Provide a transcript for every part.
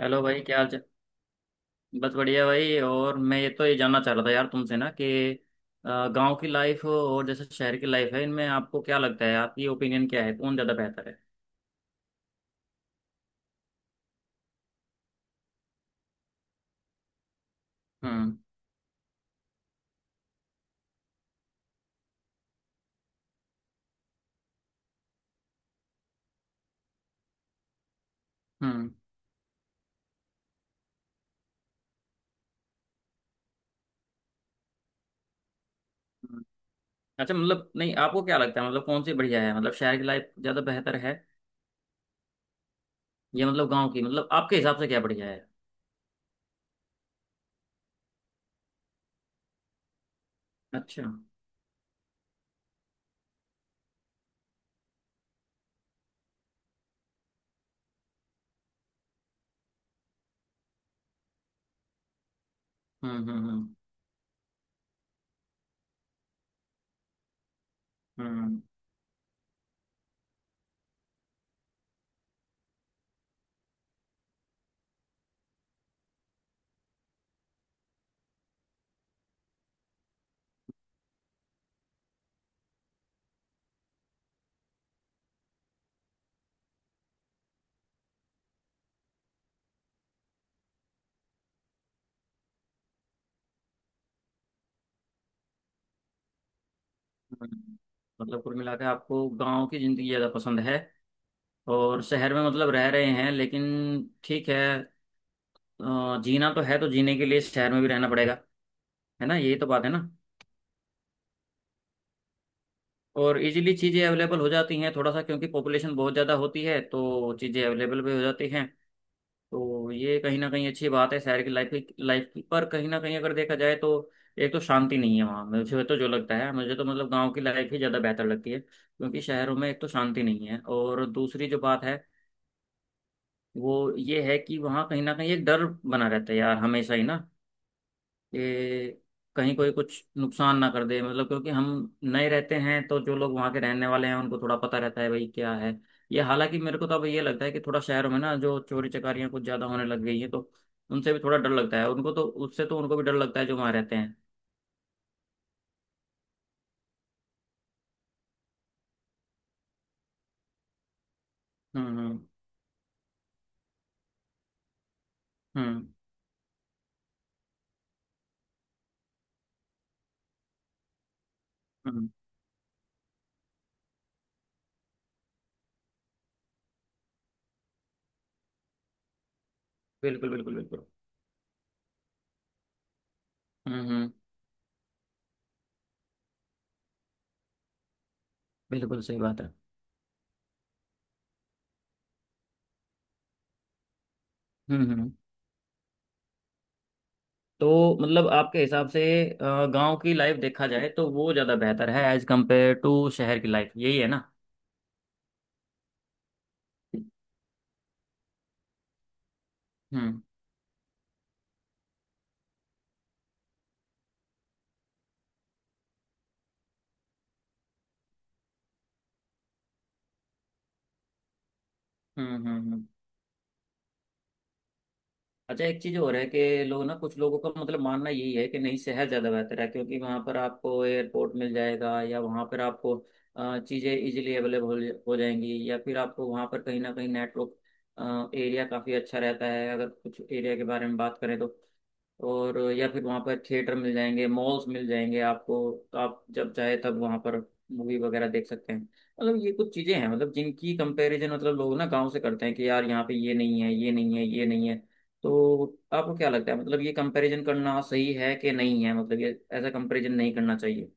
Hello भाई, क्या हाल चाल। बस बढ़िया भाई। और मैं ये जानना चाह रहा था यार तुमसे ना कि गांव की लाइफ और जैसे शहर की लाइफ है, इनमें आपको क्या लगता है, आपकी ओपिनियन क्या है, कौन ज़्यादा बेहतर है? हम्म, हम्म, हम्म। अच्छा, मतलब नहीं, आपको क्या लगता है, मतलब कौन सी बढ़िया है? मतलब शहर की लाइफ ज़्यादा बेहतर है या मतलब गाँव की? मतलब आपके हिसाब से क्या बढ़िया है? अच्छा, हम्म, हम्म, हम्म, हम्म, हम्म। मतलब कुल मिला के आपको गाँव की ज़िंदगी ज़्यादा पसंद है, और शहर में मतलब रह रहे हैं लेकिन ठीक है। जीना तो है तो जीने के लिए शहर में भी रहना पड़ेगा। है ना, यही तो बात है ना। और इजीली चीज़ें अवेलेबल हो जाती हैं थोड़ा सा, क्योंकि पॉपुलेशन बहुत ज़्यादा होती है तो चीज़ें अवेलेबल भी हो जाती हैं, तो ये कहीं ना कहीं अच्छी बात है शहर की लाइफ की। पर कहीं ना कहीं अगर देखा जाए तो एक तो शांति नहीं है वहाँ। मुझे तो जो लगता है मुझे तो मतलब गांव की लाइफ ही ज़्यादा बेहतर लगती है, क्योंकि शहरों में एक तो शांति नहीं है, और दूसरी जो बात है वो ये है कि वहाँ कहीं ना कहीं एक डर बना रहता है यार हमेशा ही ना, ये कहीं कोई कुछ नुकसान ना कर दे। मतलब क्योंकि हम नए रहते हैं, तो जो लोग वहाँ के रहने वाले हैं उनको थोड़ा पता रहता है भाई क्या है ये। हालांकि मेरे को तो अब ये लगता है कि थोड़ा शहरों में ना जो चोरी चकारियाँ कुछ ज़्यादा होने लग गई है, तो उनसे भी थोड़ा डर लगता है। उनको तो, उससे तो उनको भी डर लगता है जो वहाँ रहते हैं। हम्म, हम्म, हम्म, हम्म, बिल्कुल बिल्कुल बिल्कुल। हम्म, हम्म, बिल्कुल सही बात है। हम्म, हम्म, तो मतलब आपके हिसाब से गांव की लाइफ देखा जाए तो वो ज़्यादा बेहतर है एज कम्पेयर टू शहर की लाइफ, यही है ना? हम्म, हम्म, हम्म, अच्छा, एक चीज और है कि लोग ना, कुछ लोगों का मतलब मानना यही है कि नहीं, शहर ज्यादा बेहतर है, क्योंकि वहां पर आपको एयरपोर्ट मिल जाएगा, या वहां पर आपको चीजें इजीली अवेलेबल हो जाएंगी, या फिर आपको वहां पर कहीं ना कहीं नेटवर्क एरिया काफी अच्छा रहता है अगर कुछ एरिया के बारे में बात करें तो। और या फिर वहाँ पर थिएटर मिल जाएंगे, मॉल्स मिल जाएंगे आपको, तो आप जब चाहे तब वहाँ पर मूवी वगैरह देख सकते हैं। मतलब ये कुछ चीज़ें हैं मतलब जिनकी कंपैरिजन मतलब लोग ना गांव से करते हैं कि यार यहाँ पे ये नहीं है, ये नहीं है, ये नहीं है, तो आपको क्या लगता है, मतलब ये कंपैरिजन करना सही है कि नहीं है? मतलब ये ऐसा कंपैरिजन नहीं करना चाहिए?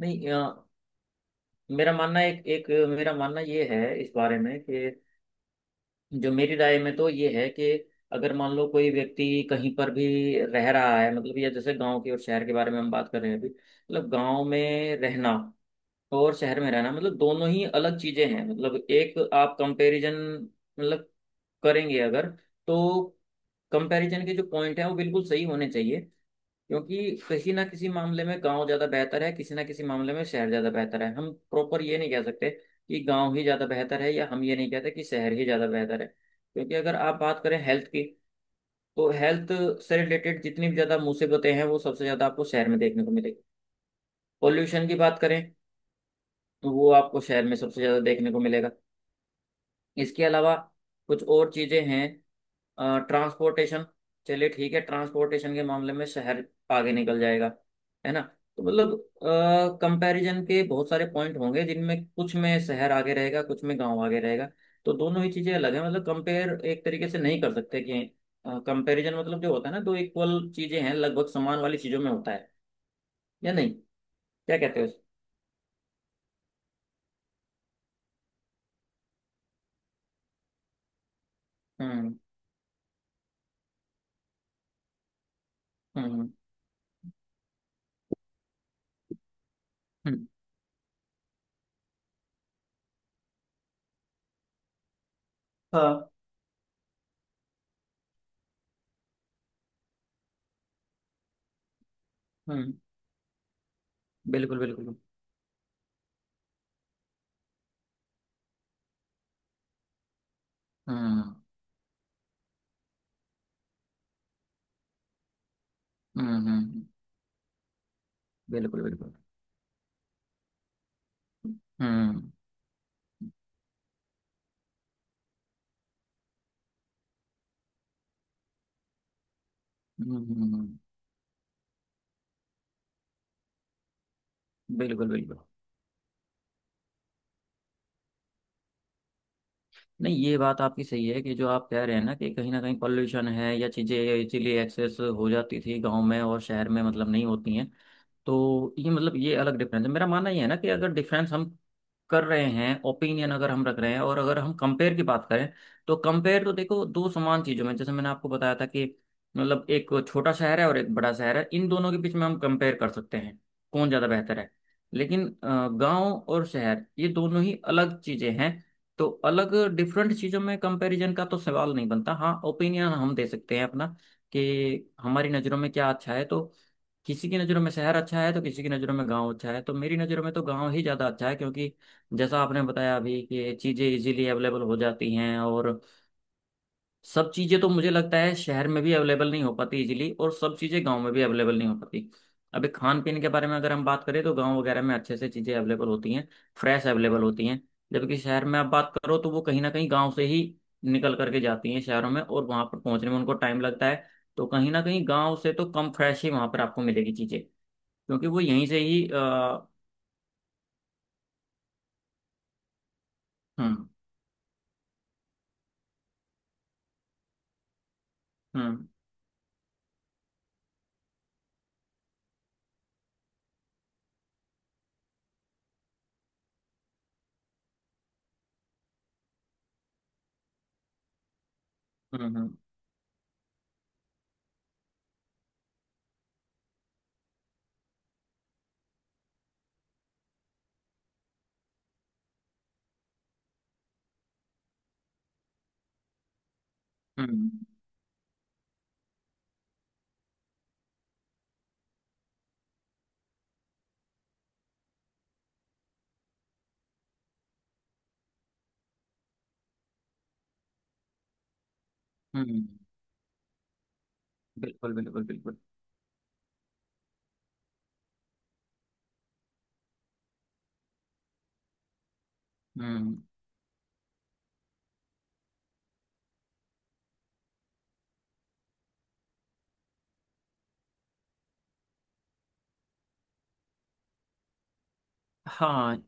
नहीं, मेरा मानना, एक एक मेरा मानना ये है इस बारे में कि जो मेरी राय में तो ये है कि अगर मान लो कोई व्यक्ति कहीं पर भी रह रहा है, मतलब ये जैसे गांव की और शहर के बारे में हम बात कर रहे हैं अभी, मतलब गांव में रहना और शहर में रहना, मतलब दोनों ही अलग चीजें हैं। मतलब एक आप कंपैरिजन मतलब करेंगे अगर, तो कंपैरिजन के जो पॉइंट हैं वो बिल्कुल सही होने चाहिए, क्योंकि किसी ना किसी मामले में गांव ज्यादा बेहतर है, किसी ना किसी मामले में शहर ज्यादा बेहतर है। हम प्रॉपर ये नहीं कह सकते कि गांव ही ज्यादा बेहतर है, या हम ये नहीं कहते कि शहर ही ज्यादा बेहतर है, क्योंकि अगर आप बात करें हेल्थ की, तो हेल्थ से रिलेटेड जितनी भी ज्यादा मुसीबतें हैं वो सबसे ज्यादा आपको शहर में देखने को मिलेगी। पॉल्यूशन की बात करें, तो वो आपको शहर में सबसे ज्यादा देखने को मिलेगा। इसके अलावा कुछ और चीजें हैं, ट्रांसपोर्टेशन, चलिए ठीक है, ट्रांसपोर्टेशन के मामले में शहर आगे निकल जाएगा, है ना। तो मतलब कंपैरिजन के बहुत सारे पॉइंट होंगे जिनमें कुछ में शहर आगे रहेगा, कुछ में गांव आगे रहेगा। तो दोनों ही चीजें अलग है, मतलब कंपेयर एक तरीके से नहीं कर सकते कि, कंपैरिजन मतलब जो होता है ना, दो इक्वल चीजें हैं, लगभग समान वाली चीजों में होता है या नहीं। क्या कहते हो हम्म, हम्म, हम्म। हाँ। हम्म, बिल्कुल बिल्कुल। हम्म, हम्म, बिल्कुल बिल्कुल। हम्म, हम्म, हम्म, हम्म। बिल्कुल बिल्कुल। नहीं, ये बात आपकी सही है, कि जो आप कह रहे हैं ना कि कहीं ना कहीं पॉल्यूशन है, या चीज़ें इसीलिए एक्सेस हो जाती थी गांव में, और शहर में मतलब नहीं होती हैं। तो ये मतलब ये अलग डिफरेंस है। मेरा मानना ये है ना कि अगर डिफरेंस हम कर रहे हैं, ओपिनियन अगर हम रख रहे हैं, और अगर हम कंपेयर की बात करें, तो कंपेयर तो देखो दो समान चीज़ों में, जैसे मैंने आपको बताया था कि मतलब एक छोटा शहर है और एक बड़ा शहर है, इन दोनों के बीच में हम कंपेयर कर सकते हैं कौन ज़्यादा बेहतर है। लेकिन गांव और शहर ये दोनों ही अलग चीज़ें हैं, तो अलग डिफरेंट चीज़ों में कंपैरिजन का तो सवाल नहीं बनता। हाँ, ओपिनियन हम दे सकते हैं अपना, कि हमारी नज़रों में क्या अच्छा है, तो किसी की नज़रों में शहर अच्छा है तो किसी की नज़रों में गांव अच्छा है। तो मेरी नज़रों में तो गांव ही ज़्यादा अच्छा है, क्योंकि जैसा आपने बताया अभी कि चीज़ें इजीली अवेलेबल हो जाती हैं, और सब चीज़ें तो मुझे लगता है शहर में भी अवेलेबल नहीं हो पाती इजीली, और सब चीज़ें गांव में भी अवेलेबल नहीं हो पाती। अभी खान पीन के बारे में अगर हम बात करें, तो गांव वगैरह में अच्छे से चीज़ें अवेलेबल होती हैं, फ्रेश अवेलेबल होती हैं, जबकि शहर में आप बात करो तो वो कहीं ना कहीं गाँव से ही निकल करके जाती हैं शहरों में, और वहाँ पर पहुँचने में उनको टाइम लगता है, तो कहीं ना कहीं गाँव से तो कम फ्रेश ही वहाँ पर आपको मिलेगी चीज़ें, क्योंकि वो यहीं से ही हम्म, हम्म, हम्म, हम्म, हम्म, हम्म, बिल्कुल बिल्कुल बिल्कुल। हम्म। हाँ।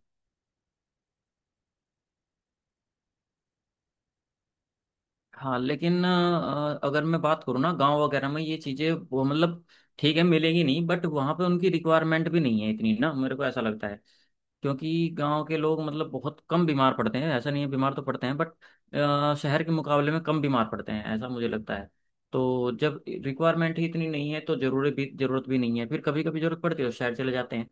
हाँ, लेकिन अगर मैं बात करूँ ना, गांव वगैरह में ये चीज़ें वो मतलब ठीक है मिलेगी नहीं, बट वहाँ पे उनकी रिक्वायरमेंट भी नहीं है इतनी ना, मेरे को ऐसा लगता है। क्योंकि गांव के लोग मतलब बहुत कम बीमार पड़ते हैं, ऐसा नहीं है बीमार तो पड़ते हैं, बट शहर के मुकाबले में कम बीमार पड़ते हैं, ऐसा मुझे लगता है। तो जब रिक्वायरमेंट ही इतनी नहीं है तो जरूरी भी, जरूरत भी नहीं है। फिर कभी कभी जरूरत पड़ती है तो शहर चले जाते हैं।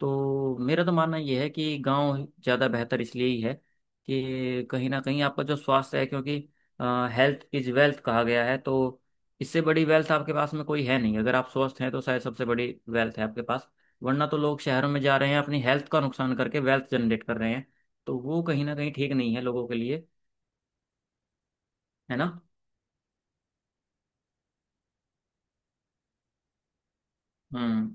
तो मेरा तो मानना यह है कि गांव ज़्यादा बेहतर इसलिए ही है कि कहीं ना कहीं आपका जो स्वास्थ्य है, क्योंकि हेल्थ इज वेल्थ कहा गया है, तो इससे बड़ी वेल्थ आपके पास में कोई है नहीं। अगर आप स्वस्थ हैं तो शायद सबसे बड़ी वेल्थ है आपके पास। वरना तो लोग शहरों में जा रहे हैं अपनी हेल्थ का नुकसान करके वेल्थ जनरेट कर रहे हैं, तो वो कहीं ना कहीं ठीक नहीं है लोगों के लिए, है ना। हम्म,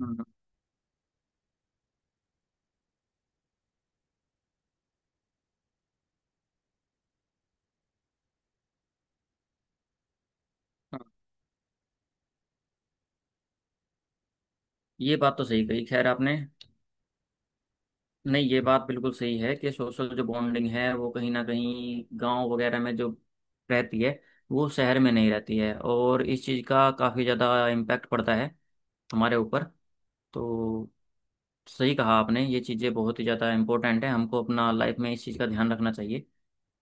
हम्म, हम्म। ये बात तो सही कही खैर आपने। नहीं, ये बात बिल्कुल सही है कि सोशल जो बॉन्डिंग है वो कहीं ना कहीं गांव वगैरह में जो रहती है वो शहर में नहीं रहती है, और इस चीज़ का काफ़ी ज़्यादा इम्पैक्ट पड़ता है हमारे ऊपर। तो सही कहा आपने, ये चीज़ें बहुत ही ज़्यादा इम्पोर्टेंट है, हमको अपना लाइफ में इस चीज़ का ध्यान रखना चाहिए।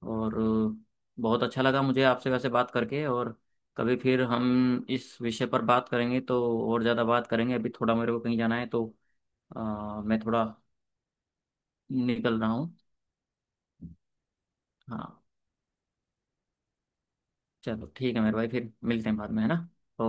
और बहुत अच्छा लगा मुझे आपसे वैसे बात करके, और कभी फिर हम इस विषय पर बात करेंगे तो और ज़्यादा बात करेंगे। अभी थोड़ा मेरे को कहीं जाना है तो मैं थोड़ा निकल रहा हूँ। हाँ, चलो ठीक है मेरे भाई, फिर मिलते हैं बाद में, है ना। ओके।